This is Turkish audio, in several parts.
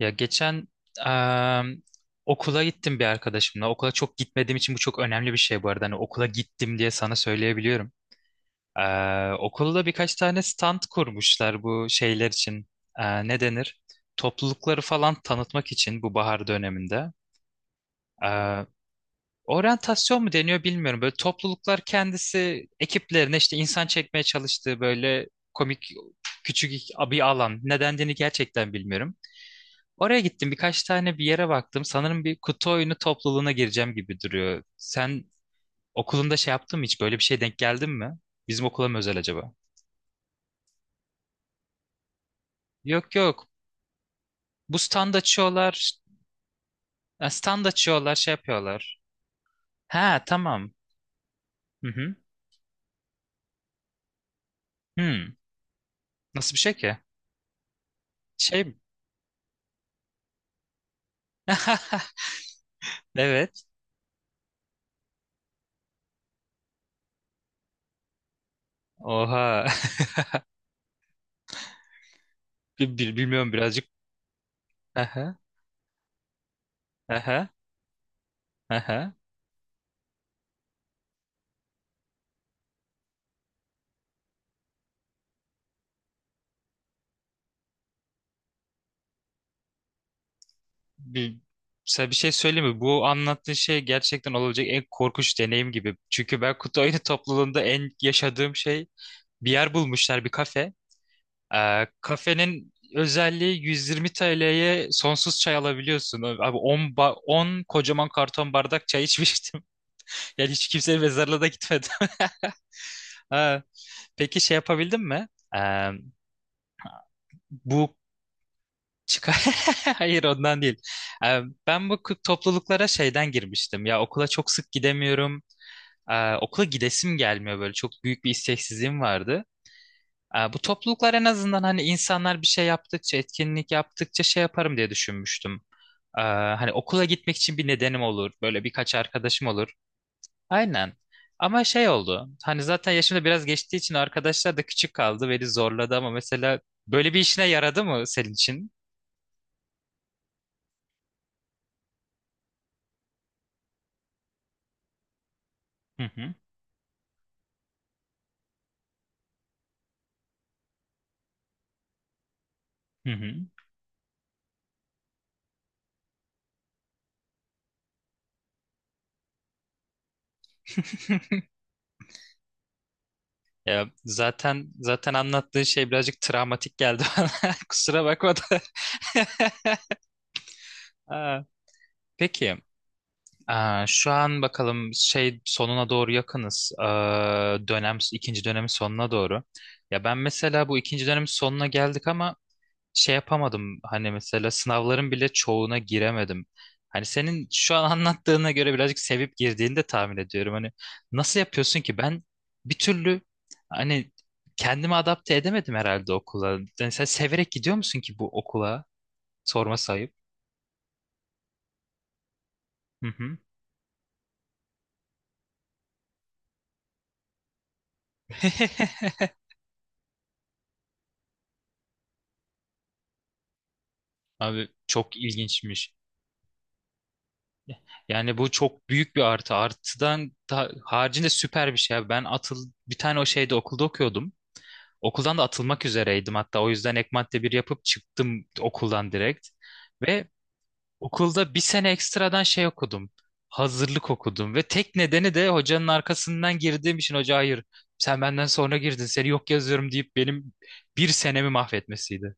Ya geçen em, okula gittim bir arkadaşımla. Okula çok gitmediğim için bu çok önemli bir şey bu arada. Hani okula gittim diye sana söyleyebiliyorum. Okulda birkaç tane stand kurmuşlar bu şeyler için. Ne denir? Toplulukları falan tanıtmak için bu bahar döneminde. Ee, Oryantasyon mu deniyor bilmiyorum. Böyle topluluklar kendisi ekiplerine işte insan çekmeye çalıştığı böyle komik küçük bir alan. Ne dendiğini gerçekten bilmiyorum. Oraya gittim birkaç tane bir yere baktım. Sanırım bir kutu oyunu topluluğuna gireceğim gibi duruyor. Sen okulunda şey yaptın mı hiç? Böyle bir şey denk geldin mi? Bizim okula mı özel acaba? Yok, yok. Bu stand açıyorlar. Ha, stand açıyorlar şey yapıyorlar. Ha, tamam. Hı hı. Hmm. Nasıl bir şey ki? Şey mi? Evet. Oha. Bilmiyorum birazcık. Aha. Aha. Aha. Bir, sana bir şey söyleyeyim mi? Bu anlattığın şey gerçekten olabilecek en korkunç deneyim gibi. Çünkü ben kutu oyunu topluluğunda en yaşadığım şey bir yer bulmuşlar bir kafe. Kafenin özelliği 120 TL'ye sonsuz çay alabiliyorsun. Abi 10 kocaman karton bardak çay içmiştim. Yani hiç kimsenin mezarlığına da gitmedim. Ha. Peki şey yapabildin mi? Ee, bu Çıkar. Hayır, ondan değil. Ee, Ben bu topluluklara şeyden girmiştim. Ya okula çok sık gidemiyorum. Okula gidesim gelmiyor böyle. Çok büyük bir isteksizliğim vardı. Bu topluluklar en azından hani insanlar bir şey yaptıkça, etkinlik yaptıkça şey yaparım diye düşünmüştüm. Hani okula gitmek için bir nedenim olur. Böyle birkaç arkadaşım olur. Aynen. Ama şey oldu. Hani zaten yaşımda biraz geçtiği için arkadaşlar da küçük kaldı. Beni zorladı ama mesela böyle bir işine yaradı mı senin için? Hı hı. Hı hı. Ya zaten anlattığı şey birazcık travmatik geldi bana. Kusura bakma da. Aa, Peki, şu an bakalım şey sonuna doğru yakınız. Dönem ikinci dönemin sonuna doğru. Ya ben mesela bu ikinci dönemin sonuna geldik ama şey yapamadım hani mesela sınavların bile çoğuna giremedim. Hani senin şu an anlattığına göre birazcık sevip girdiğini de tahmin ediyorum. Hani nasıl yapıyorsun ki ben bir türlü hani kendimi adapte edemedim herhalde okula. Yani sen severek gidiyor musun ki bu okula? Sorma sayıp. Hı hı. Abi, çok ilginçmiş. Yani bu çok büyük bir artı. Artıdan haricinde süper bir şey. Abi. Ben atıl bir tane o şeyde okulda okuyordum. Okuldan da atılmak üzereydim hatta o yüzden ek madde bir yapıp çıktım okuldan direkt. Ve okulda bir sene ekstradan şey okudum. Hazırlık okudum ve tek nedeni de hocanın arkasından girdiğim için hoca hayır sen benden sonra girdin seni yok yazıyorum deyip benim bir senemi mahvetmesiydi.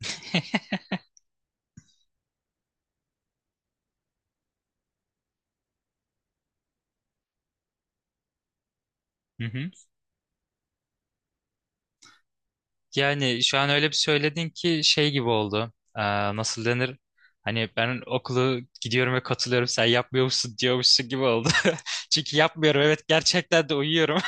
Hı hı. Yani şu an öyle bir söyledin ki şey gibi oldu. Nasıl denir? Hani ben okulu gidiyorum ve katılıyorum sen yapmıyormuşsun diyormuşsun gibi oldu. Çünkü yapmıyorum evet gerçekten de uyuyorum.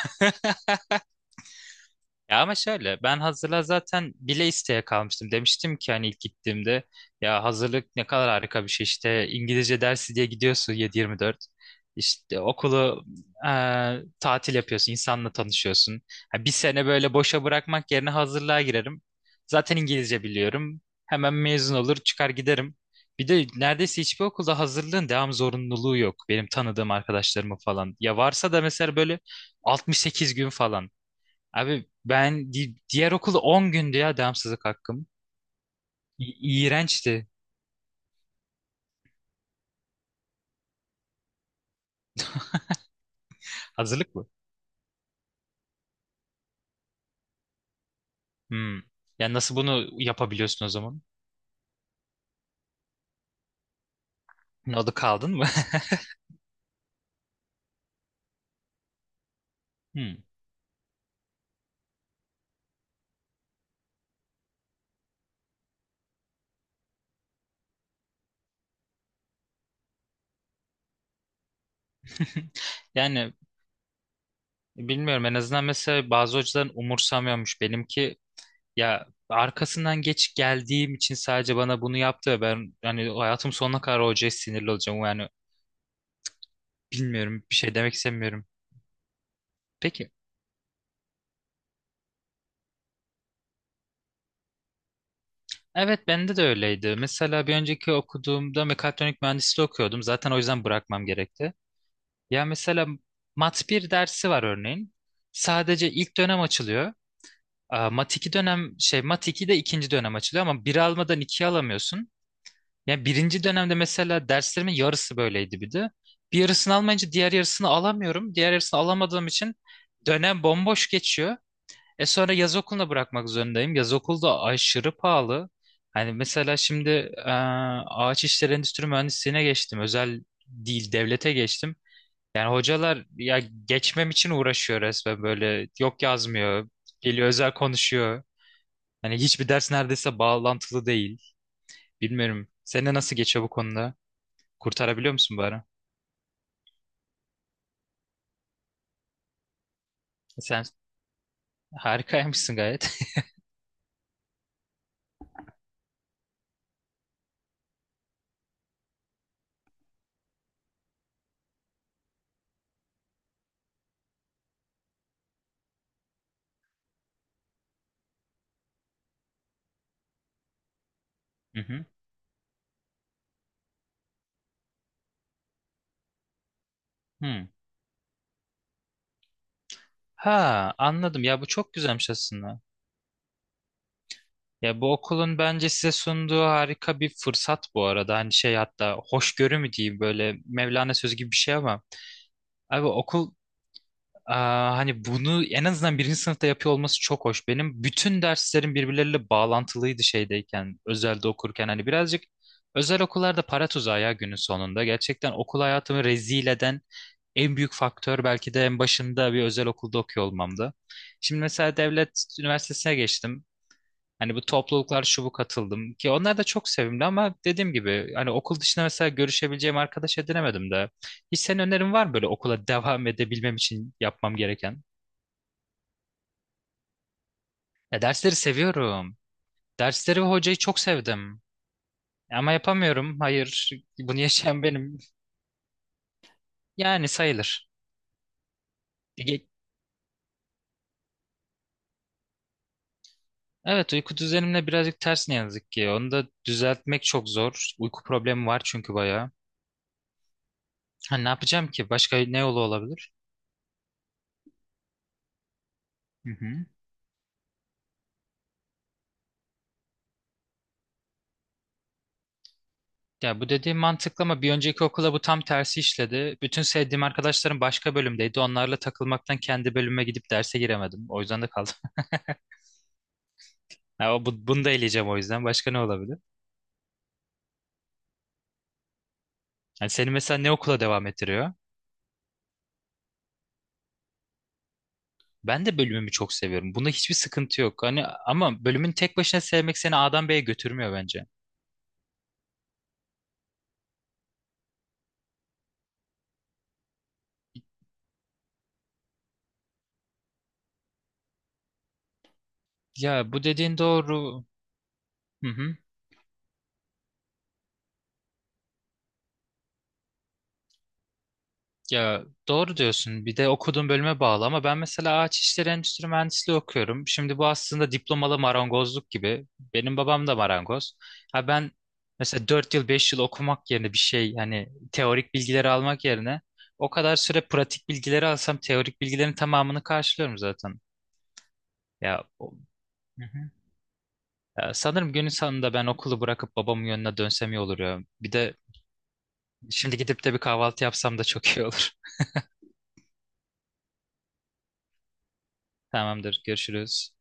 Ya ama şöyle ben hazırlığa zaten bile isteye kalmıştım. Demiştim ki hani ilk gittiğimde ya hazırlık ne kadar harika bir şey işte İngilizce dersi diye gidiyorsun 7-24. İşte okulu tatil yapıyorsun, insanla tanışıyorsun. Ha, bir sene böyle boşa bırakmak yerine hazırlığa girerim. Zaten İngilizce biliyorum. Hemen mezun olur çıkar giderim. Bir de neredeyse hiçbir okulda hazırlığın devam zorunluluğu yok. Benim tanıdığım arkadaşlarımın falan. Ya varsa da mesela böyle 68 gün falan. Abi ben diğer okulda 10 gündü ya devamsızlık hakkım. İğrençti. Hazırlık mı? Hmm. Ya nasıl bunu yapabiliyorsun o zaman? Ne, kaldın mı? Hmm. Yani bilmiyorum en azından mesela bazı hocaların umursamıyormuş. Benimki ya arkasından geç geldiğim için sadece bana bunu yaptı ve ben hani hayatım sonuna kadar hocaya sinirli olacağım. Yani bilmiyorum bir şey demek istemiyorum. Peki. Evet, bende de öyleydi. Mesela bir önceki okuduğumda mekatronik mühendisliği okuyordum. Zaten o yüzden bırakmam gerekti. Ya mesela Mat bir dersi var örneğin. Sadece ilk dönem açılıyor. Mat 2 dönem şey Mat 2 de ikinci dönem açılıyor ama bir almadan ikiyi alamıyorsun. Yani birinci dönemde mesela derslerimin yarısı böyleydi bir de. Bir yarısını almayınca diğer yarısını alamıyorum. Diğer yarısını alamadığım için dönem bomboş geçiyor. E sonra yaz okuluna bırakmak zorundayım. Yaz okulu da aşırı pahalı. Hani mesela şimdi e, ağaç işleri endüstri mühendisliğine geçtim. Özel değil devlete geçtim. Yani hocalar ya geçmem için uğraşıyor resmen böyle. Yok yazmıyor. Geliyor özel konuşuyor. Hani hiçbir ders neredeyse bağlantılı değil. Bilmiyorum. Senin nasıl geçiyor bu konuda? Kurtarabiliyor musun bari? Sen harikaymışsın gayet. Hı hı. Hı. Ha, anladım ya bu çok güzelmiş aslında. Ya bu okulun bence size sunduğu harika bir fırsat bu arada. Hani şey hatta hoşgörü mü diyeyim böyle Mevlana sözü gibi bir şey ama. Abi okul hani bunu en azından birinci sınıfta yapıyor olması çok hoş. Benim bütün derslerim birbirleriyle bağlantılıydı şeydeyken, özelde okurken. Hani birazcık özel okullarda para tuzağı ya günün sonunda. Gerçekten okul hayatımı rezil eden en büyük faktör belki de en başında bir özel okulda okuyor olmamdı. Şimdi mesela devlet üniversitesine geçtim. Hani bu topluluklar şu bu katıldım ki onlar da çok sevimli ama dediğim gibi hani okul dışında mesela görüşebileceğim arkadaş edinemedim de. Hiç senin önerin var mı böyle okula devam edebilmem için yapmam gereken? Ya dersleri seviyorum. Dersleri ve hocayı çok sevdim. Ama yapamıyorum. Hayır, bunu yaşayan benim. Yani sayılır. Ge- Evet, uyku düzenimle birazcık ters ne yazık ki. Onu da düzeltmek çok zor. Uyku problemi var çünkü bayağı. Ha, ne yapacağım ki? Başka ne yolu olabilir? Hı hı. Ya bu dediğim mantıklı ama bir önceki okula bu tam tersi işledi. Bütün sevdiğim arkadaşlarım başka bölümdeydi. Onlarla takılmaktan kendi bölüme gidip derse giremedim. O yüzden de kaldım. Ya bunu da eleyeceğim o yüzden. Başka ne olabilir? Yani seni mesela ne okula devam ettiriyor? Ben de bölümümü çok seviyorum. Bunda hiçbir sıkıntı yok. Hani ama bölümün tek başına sevmek seni A'dan B'ye götürmüyor bence. Ya bu dediğin doğru. Hı hı. Ya doğru diyorsun. Bir de okuduğum bölüme bağlı ama ben mesela ağaç işleri endüstri mühendisliği okuyorum. Şimdi bu aslında diplomalı marangozluk gibi. Benim babam da marangoz. Ha ben mesela 4 yıl 5 yıl okumak yerine bir şey hani teorik bilgileri almak yerine o kadar süre pratik bilgileri alsam teorik bilgilerin tamamını karşılıyorum zaten. Ya, Hı hı. Ya sanırım günün sonunda ben okulu bırakıp babamın yönüne dönsem iyi olur ya. Bir de şimdi gidip de bir kahvaltı yapsam da çok iyi olur. Tamamdır, görüşürüz.